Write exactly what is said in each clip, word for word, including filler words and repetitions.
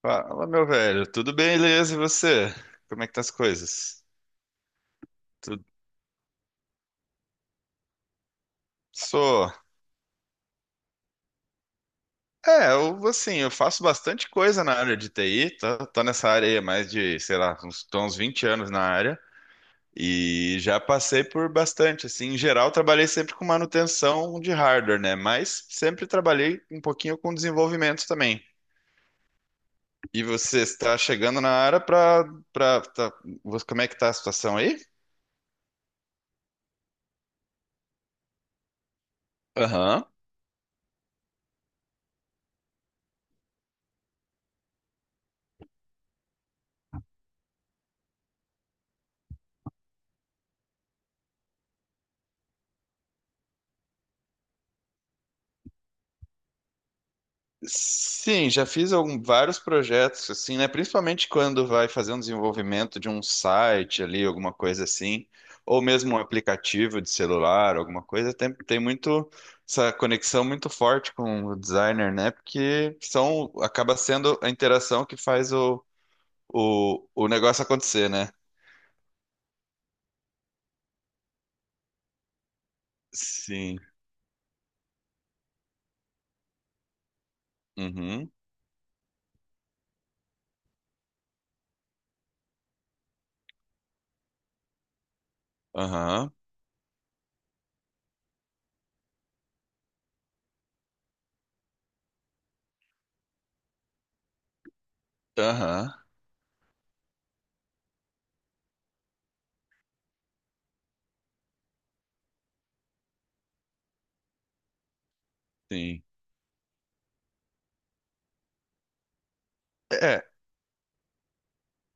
Fala, meu velho. Tudo bem, beleza? E você? Como é que tá as coisas? Tudo... Sou. É, eu assim, eu faço bastante coisa na área de T I, tô, tô nessa área aí há mais de, sei lá, uns, tô uns vinte anos na área e já passei por bastante, assim, em geral trabalhei sempre com manutenção de hardware, né? Mas sempre trabalhei um pouquinho com desenvolvimento também. E você está chegando na área pra, pra, tá- você- como é que tá a situação aí? Aham. Sim, já fiz algum- vários projetos assim, né? Principalmente quando vai fazer um desenvolvimento de um site ali, alguma coisa assim, ou mesmo um aplicativo de celular, alguma coisa, tem, tem muito essa conexão muito forte com o designer, né? Porque são, acaba sendo a interação que faz o, o, o negócio acontecer, né? Sim. Uhum. Aham. Aham. Sim. É,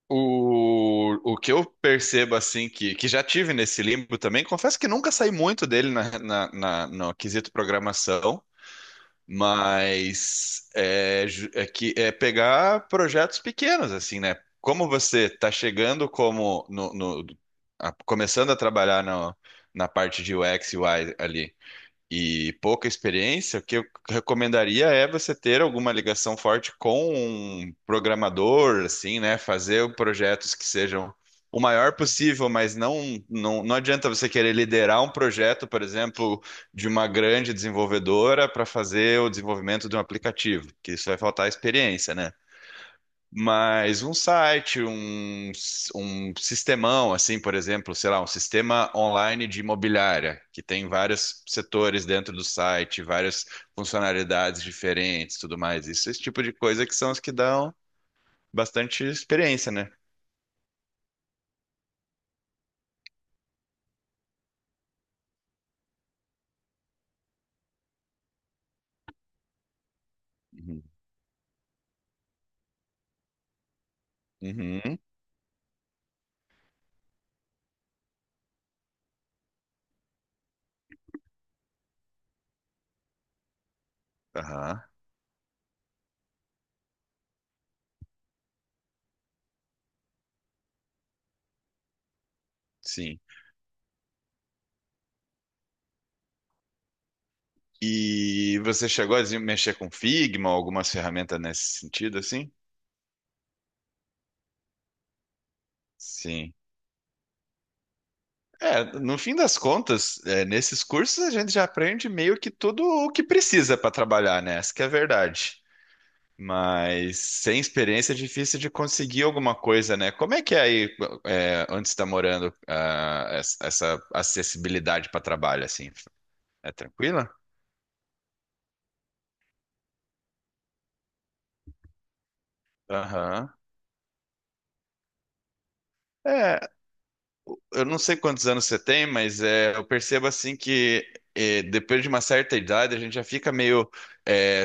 O, o que eu percebo, assim, que, que já tive nesse limbo também, confesso que nunca saí muito dele na, na, na- no quesito programação, mas é, ju- é que é pegar projetos pequenos, assim, né? Como você está chegando como no, no- a- começando a trabalhar no- na parte de U X e U I ali, e pouca experiência, o que eu recomendaria é você ter alguma ligação forte com um programador, assim, né? Fazer projetos que sejam o maior possível, mas não, não, não adianta você querer liderar um projeto, por exemplo, de uma grande desenvolvedora para fazer o desenvolvimento de um aplicativo, que isso vai faltar experiência, né? Mas um site, um, s- um sistemão, assim, por exemplo, sei lá, um sistema online de imobiliária, que tem vários setores dentro do site, várias funcionalidades diferentes, tudo mais. Isso, esse tipo de coisa que são as que dão bastante experiência, né? Uhum. Uhum. Aham. Sim. E você chegou a mexer com Figma, algumas ferramentas nesse sentido, assim? Sim. É, no fim das contas, é, nesses cursos a gente já aprende meio que tudo o que precisa para trabalhar, né? Essa que é a verdade. Mas sem experiência é difícil de conseguir alguma coisa, né? Como é que é aí, é, onde você está morando, ah, essa essa acessibilidade para trabalho, assim? É tranquila? Aham. É, eu não sei quantos anos você tem, mas é, eu percebo assim que é, depois de uma certa idade a gente já fica meio é,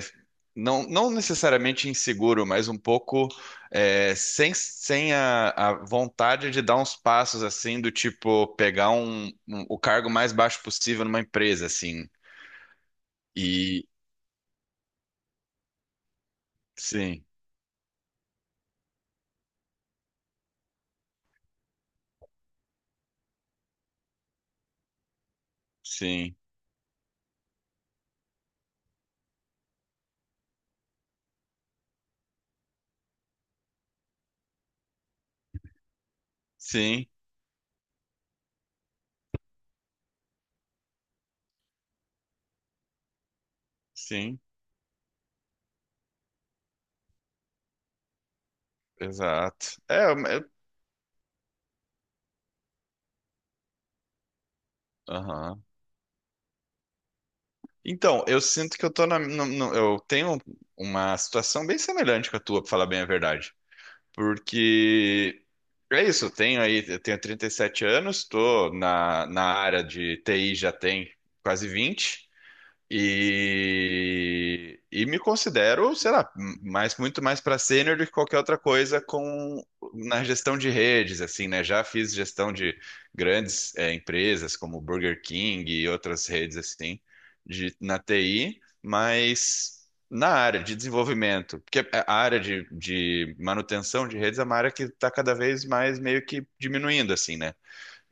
não, não necessariamente inseguro, mas um pouco é, sem, sem a, a vontade de dar uns passos assim do tipo pegar um, um- o cargo mais baixo possível numa empresa assim. E sim, sim, sim, sim, exato. É, eu- eu- Aham. Então, eu sinto que eu tô na, no- no- eu tenho uma situação bem semelhante com a tua, pra falar bem a verdade. Porque é isso, eu tenho aí, eu tenho trinta e sete anos, tô na, na área de T I já tem quase vinte. E, e me considero, sei lá, mais, muito mais para sênior do que qualquer outra coisa com na gestão de redes, assim, né? Já fiz gestão de grandes eh, empresas como Burger King e outras redes assim de, na T I, mas na área de desenvolvimento, porque a área de, de manutenção de redes é uma área que está cada vez mais meio que diminuindo, assim, né? À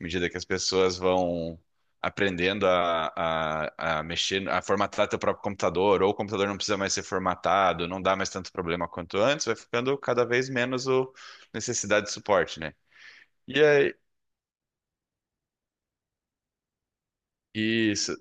medida que as pessoas vão aprendendo a, a, a mexer, a formatar teu próprio computador, ou o computador não precisa mais ser formatado, não dá mais tanto problema quanto antes, vai ficando cada vez menos o necessidade de suporte, né? E, aí, isso.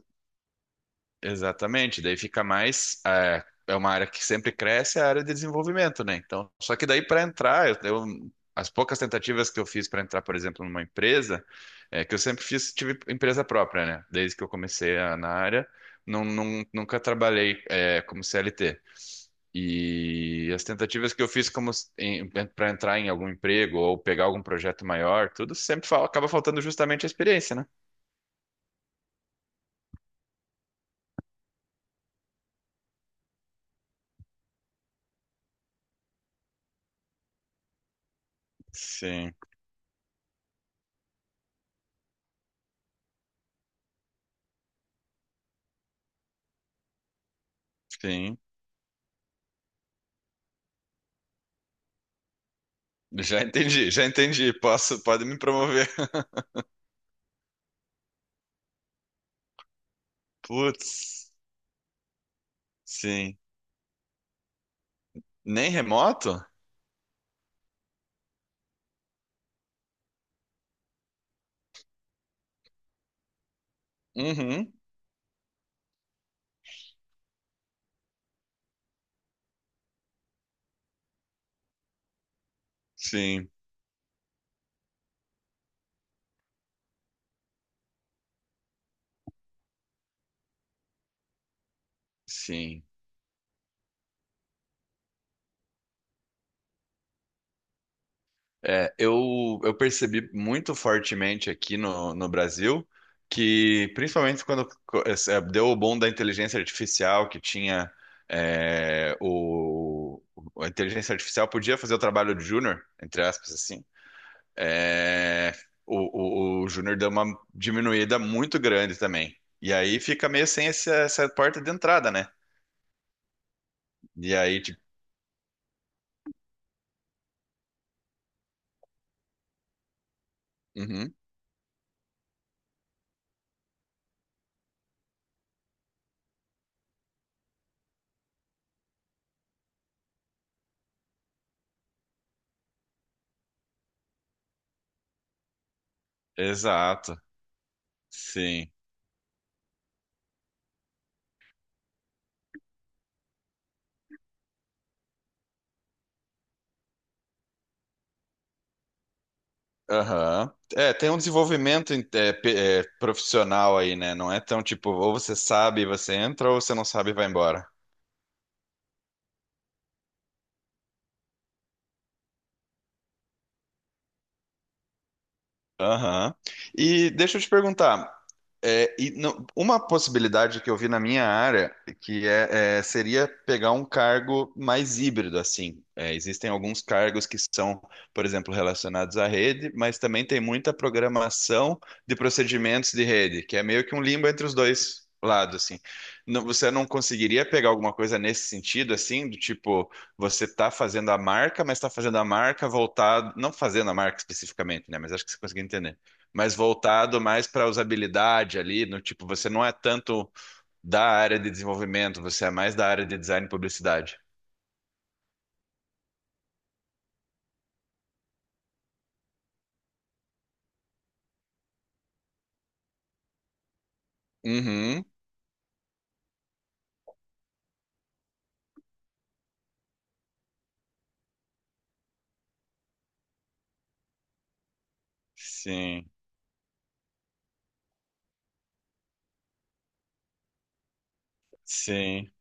Exatamente, daí fica mais. É, é uma área que sempre cresce, é a área de desenvolvimento, né? Então, só que daí para entrar, eu, eu- as poucas tentativas que eu fiz para entrar, por exemplo, numa empresa, é, que eu sempre fiz, tive empresa própria, né? Desde que eu comecei a- na área, não, não- nunca trabalhei é, como C L T. E as tentativas que eu fiz como para entrar em algum emprego ou pegar algum projeto maior, tudo sempre fal- acaba faltando justamente a experiência, né? Sim, sim. Já entendi, já entendi. Posso, pode me promover. Putz, sim. Nem remoto? Uhum, sim, sim. É, eu, eu percebi muito fortemente aqui no, no Brasil que, principalmente quando co- é, é, deu o boom da inteligência artificial, que tinha é, o, a inteligência artificial podia fazer o trabalho de júnior, entre aspas, assim. É, o, o, o Júnior deu uma diminuída muito grande também. E aí fica meio sem esse- essa porta de entrada, né? E aí, tipo, uhum, exato, sim. Aham. É, tem um desenvolvimento é, pe- é, profissional aí, né? Não é tão tipo, ou você sabe e você entra, ou você não sabe e vai embora. Aham. E deixa eu te perguntar, é, e não- uma possibilidade que eu vi na minha área que é, é, seria pegar um cargo mais híbrido, assim. É, existem alguns cargos que são, por exemplo, relacionados à rede, mas também tem muita programação de procedimentos de rede, que é meio que um limbo entre os dois lados, assim. Não- você não conseguiria pegar alguma coisa nesse sentido, assim, do tipo, você está fazendo a marca, mas está fazendo a marca voltado, não fazendo a marca especificamente, né? Mas acho que você conseguiu entender mas voltado mais para usabilidade ali, no tipo, você não é tanto da área de desenvolvimento, você é mais da área de design e publicidade. Uhum. Sim, sim,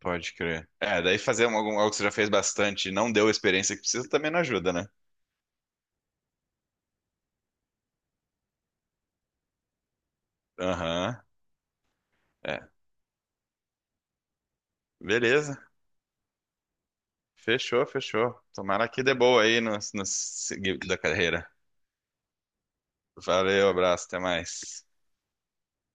pode crer. É, daí fazer um- algum- algo que você já fez bastante e não deu a experiência que precisa também não ajuda, né? Aham, é. Beleza. Fechou, fechou. Tomara que dê boa aí no, no seguir da carreira. Valeu, abraço, até mais.